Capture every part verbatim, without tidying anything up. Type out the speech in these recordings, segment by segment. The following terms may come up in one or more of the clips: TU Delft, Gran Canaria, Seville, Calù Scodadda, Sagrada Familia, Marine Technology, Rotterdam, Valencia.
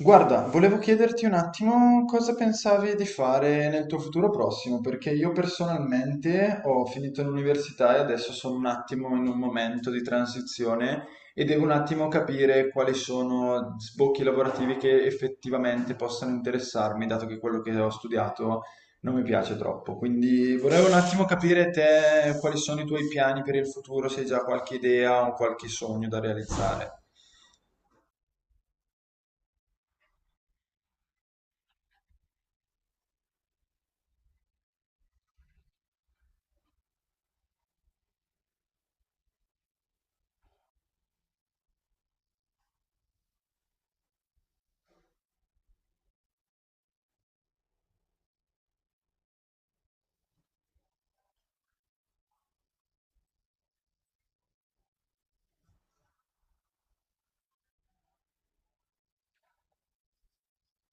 Guarda, volevo chiederti un attimo cosa pensavi di fare nel tuo futuro prossimo, perché io personalmente ho finito l'università e adesso sono un attimo in un momento di transizione e devo un attimo capire quali sono sbocchi lavorativi che effettivamente possano interessarmi, dato che quello che ho studiato non mi piace troppo. Quindi volevo un attimo capire te quali sono i tuoi piani per il futuro, se hai già qualche idea o qualche sogno da realizzare.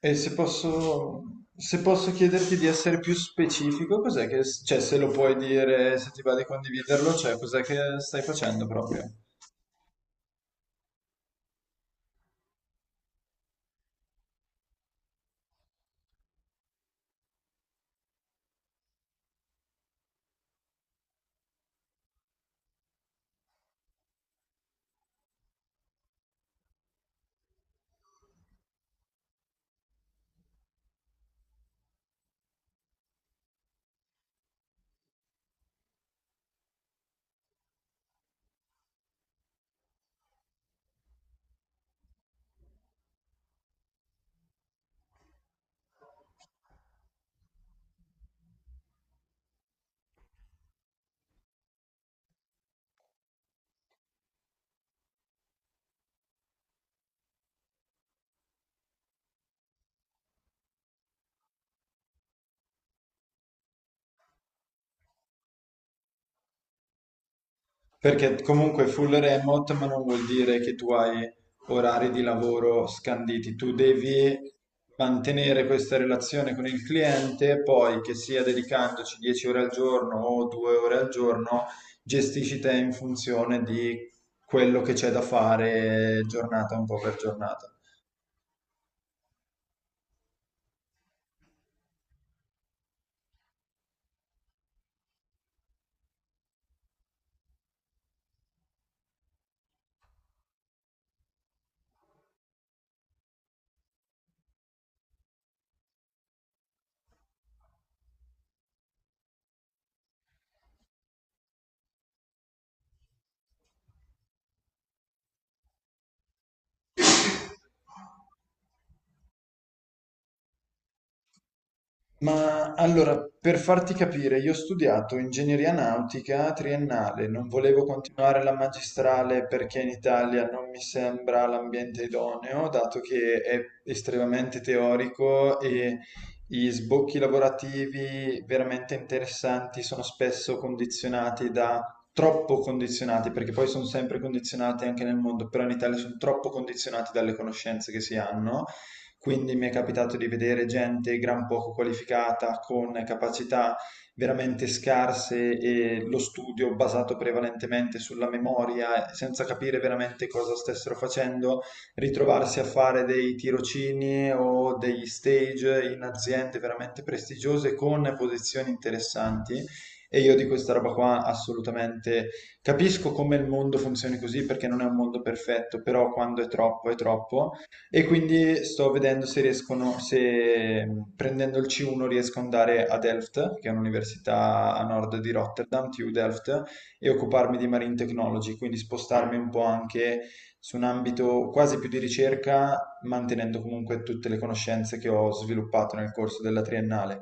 E se posso, se posso chiederti di essere più specifico, cos'è che, cioè se lo puoi dire, se ti va di condividerlo, cioè cos'è che stai facendo proprio? Perché comunque full remote, ma non vuol dire che tu hai orari di lavoro scanditi, tu devi mantenere questa relazione con il cliente, poi che sia dedicandoci dieci ore al giorno o due ore al giorno, gestisci te in funzione di quello che c'è da fare giornata un po' per giornata. Ma allora, per farti capire, io ho studiato ingegneria nautica triennale, non volevo continuare la magistrale perché in Italia non mi sembra l'ambiente idoneo, dato che è estremamente teorico e gli sbocchi lavorativi veramente interessanti sono spesso condizionati da... troppo condizionati, perché poi sono sempre condizionati anche nel mondo, però in Italia sono troppo condizionati dalle conoscenze che si hanno, quindi mi è capitato di vedere gente gran poco qualificata, con capacità veramente scarse e lo studio basato prevalentemente sulla memoria, senza capire veramente cosa stessero facendo, ritrovarsi a fare dei tirocini o degli stage in aziende veramente prestigiose con posizioni interessanti. E io di questa roba qua assolutamente capisco come il mondo funzioni così perché non è un mondo perfetto, però quando è troppo è troppo. E quindi sto vedendo se riescono, se mh, prendendo il C uno riesco ad andare a Delft, che è un'università a nord di Rotterdam, T U Delft, e occuparmi di Marine Technology, quindi spostarmi un po' anche su un ambito quasi più di ricerca, mantenendo comunque tutte le conoscenze che ho sviluppato nel corso della triennale.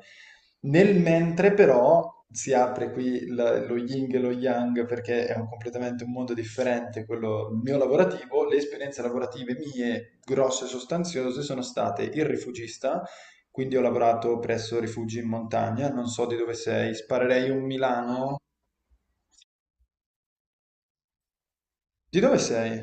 Nel mentre però si apre qui la- lo yin e lo yang perché è un- completamente un mondo differente quello mio lavorativo. Le esperienze lavorative mie grosse e sostanziose sono state il rifugista, quindi ho lavorato presso rifugi in montagna, non so di dove sei, sparerei un Milano. Di dove sei?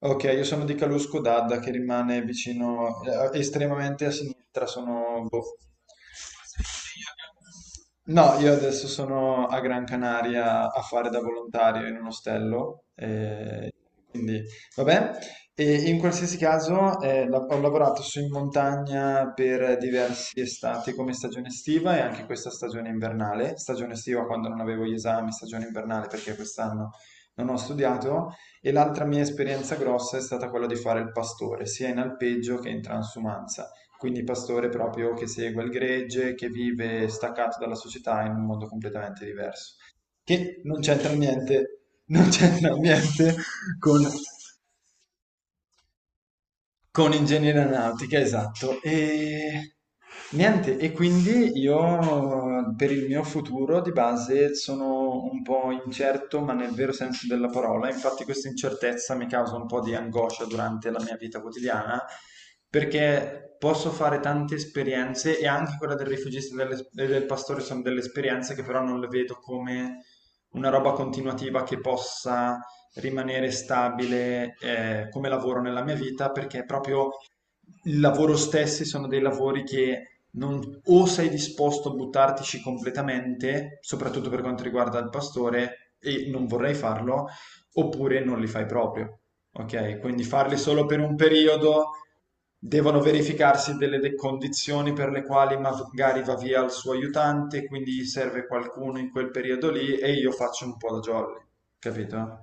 Ok, io sono di Calù Scodadda che rimane vicino, eh, estremamente a sinistra, sono boh. No, io adesso sono a Gran Canaria a fare da volontario in un ostello, eh, quindi vabbè. E in qualsiasi caso eh, la- ho lavorato su in montagna per diversi estati come stagione estiva e anche questa stagione invernale, stagione estiva quando non avevo gli esami, stagione invernale perché quest'anno non ho studiato, e l'altra mia esperienza grossa è stata quella di fare il pastore, sia in alpeggio che in transumanza, quindi pastore proprio che segue il gregge, che vive staccato dalla società in un mondo completamente diverso, che non c'entra niente, non c'entra niente con con ingegneria aeronautica, esatto. E niente, e quindi io per il mio futuro di base sono un po' incerto, ma nel vero senso della parola. Infatti questa incertezza mi causa un po' di angoscia durante la mia vita quotidiana, perché posso fare tante esperienze e anche quella del rifugista e delle- e del pastore sono delle esperienze che però non le vedo come una roba continuativa che possa rimanere stabile, eh, come lavoro nella mia vita, perché proprio il lavoro stessi sono dei lavori che non, o sei disposto a buttartici completamente, soprattutto per quanto riguarda il pastore, e non vorrei farlo, oppure non li fai proprio. Ok, quindi farli solo per un periodo, devono verificarsi delle de- condizioni per le quali magari va via il suo aiutante, quindi gli serve qualcuno in quel periodo lì e io faccio un po' da jolly, capito?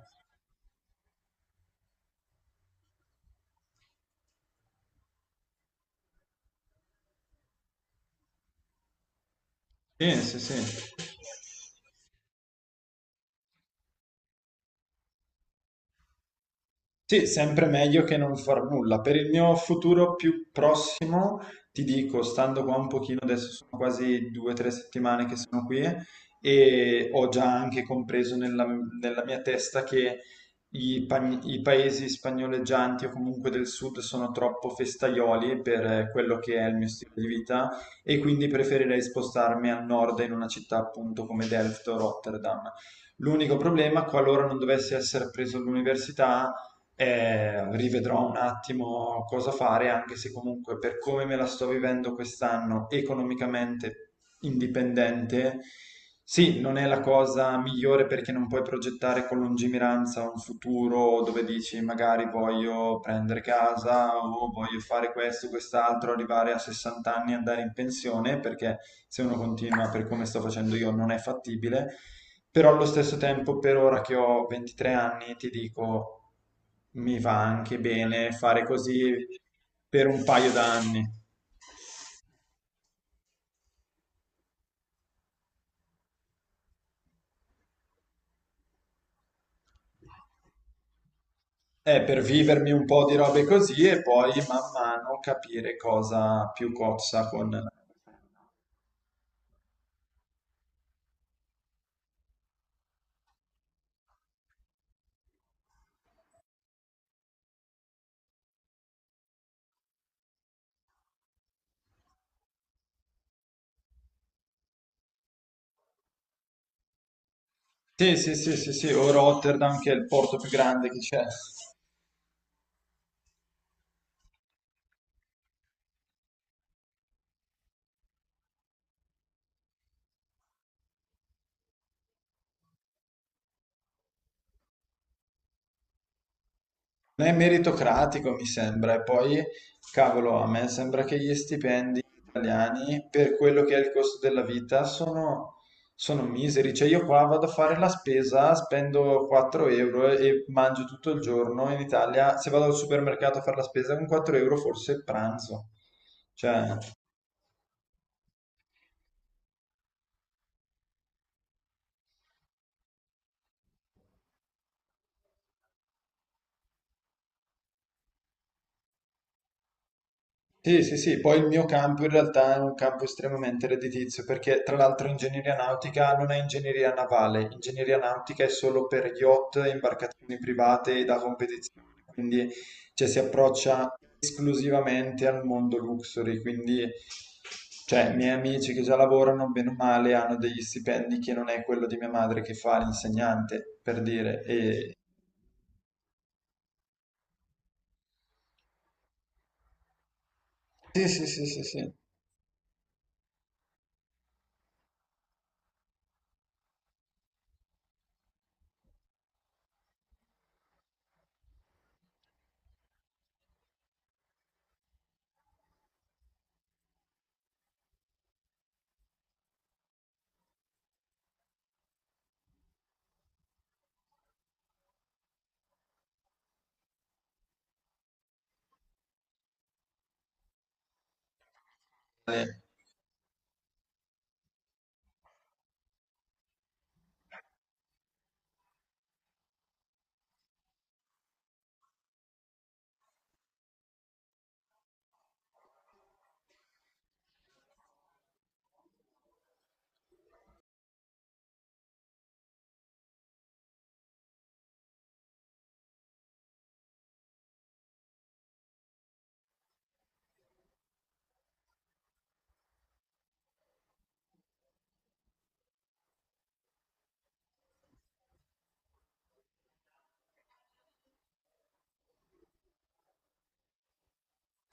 Sì, sì, sì. Sì, sempre meglio che non far nulla. Per il mio futuro più prossimo, ti dico, stando qua un pochino, adesso sono quasi due o tre settimane che sono qui e ho già anche compreso nella, nella mia testa che i, pa- i paesi spagnoleggianti o comunque del sud sono troppo festaioli per eh, quello che è il mio stile di vita, e quindi preferirei spostarmi a nord in una città appunto come Delft o Rotterdam. L'unico problema, qualora non dovessi essere preso all'università, eh, rivedrò un attimo cosa fare, anche se comunque per come me la sto vivendo quest'anno economicamente indipendente, sì, non è la cosa migliore perché non puoi progettare con lungimiranza un futuro dove dici magari voglio prendere casa o voglio fare questo, quest'altro, arrivare a sessanta anni e andare in pensione, perché se uno continua per come sto facendo io non è fattibile. Però allo stesso tempo, per ora che ho ventitré anni, ti dico, mi va anche bene fare così per un paio d'anni. Eh, per vivermi un po' di robe così e poi man mano capire cosa più cozza con... Sì, sì, sì, sì, sì, o Rotterdam che è il porto più grande che c'è. Non è meritocratico, mi sembra. E poi, cavolo, a me sembra che gli stipendi italiani, per quello che è il costo della vita, sono, sono miseri. Cioè, io qua vado a fare la spesa, spendo quattro euro e e mangio tutto il giorno. In Italia, se vado al supermercato a fare la spesa, con quattro euro forse pranzo. Cioè, sì, sì, sì, poi il mio campo in realtà è un campo estremamente redditizio perché tra l'altro ingegneria nautica non è ingegneria navale, ingegneria nautica è solo per yacht, imbarcazioni private e da competizione, quindi, cioè, si approccia esclusivamente al mondo luxury, quindi, cioè, i miei amici che già lavorano bene o male hanno degli stipendi che non è quello di mia madre che fa l'insegnante, per dire. E... sì, sì, sì, sì, sì. Eh,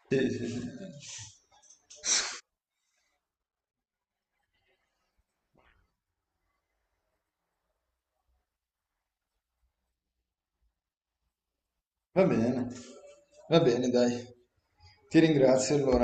sì, sì, sì. Va bene, va bene, dai. Ti ringrazio allora.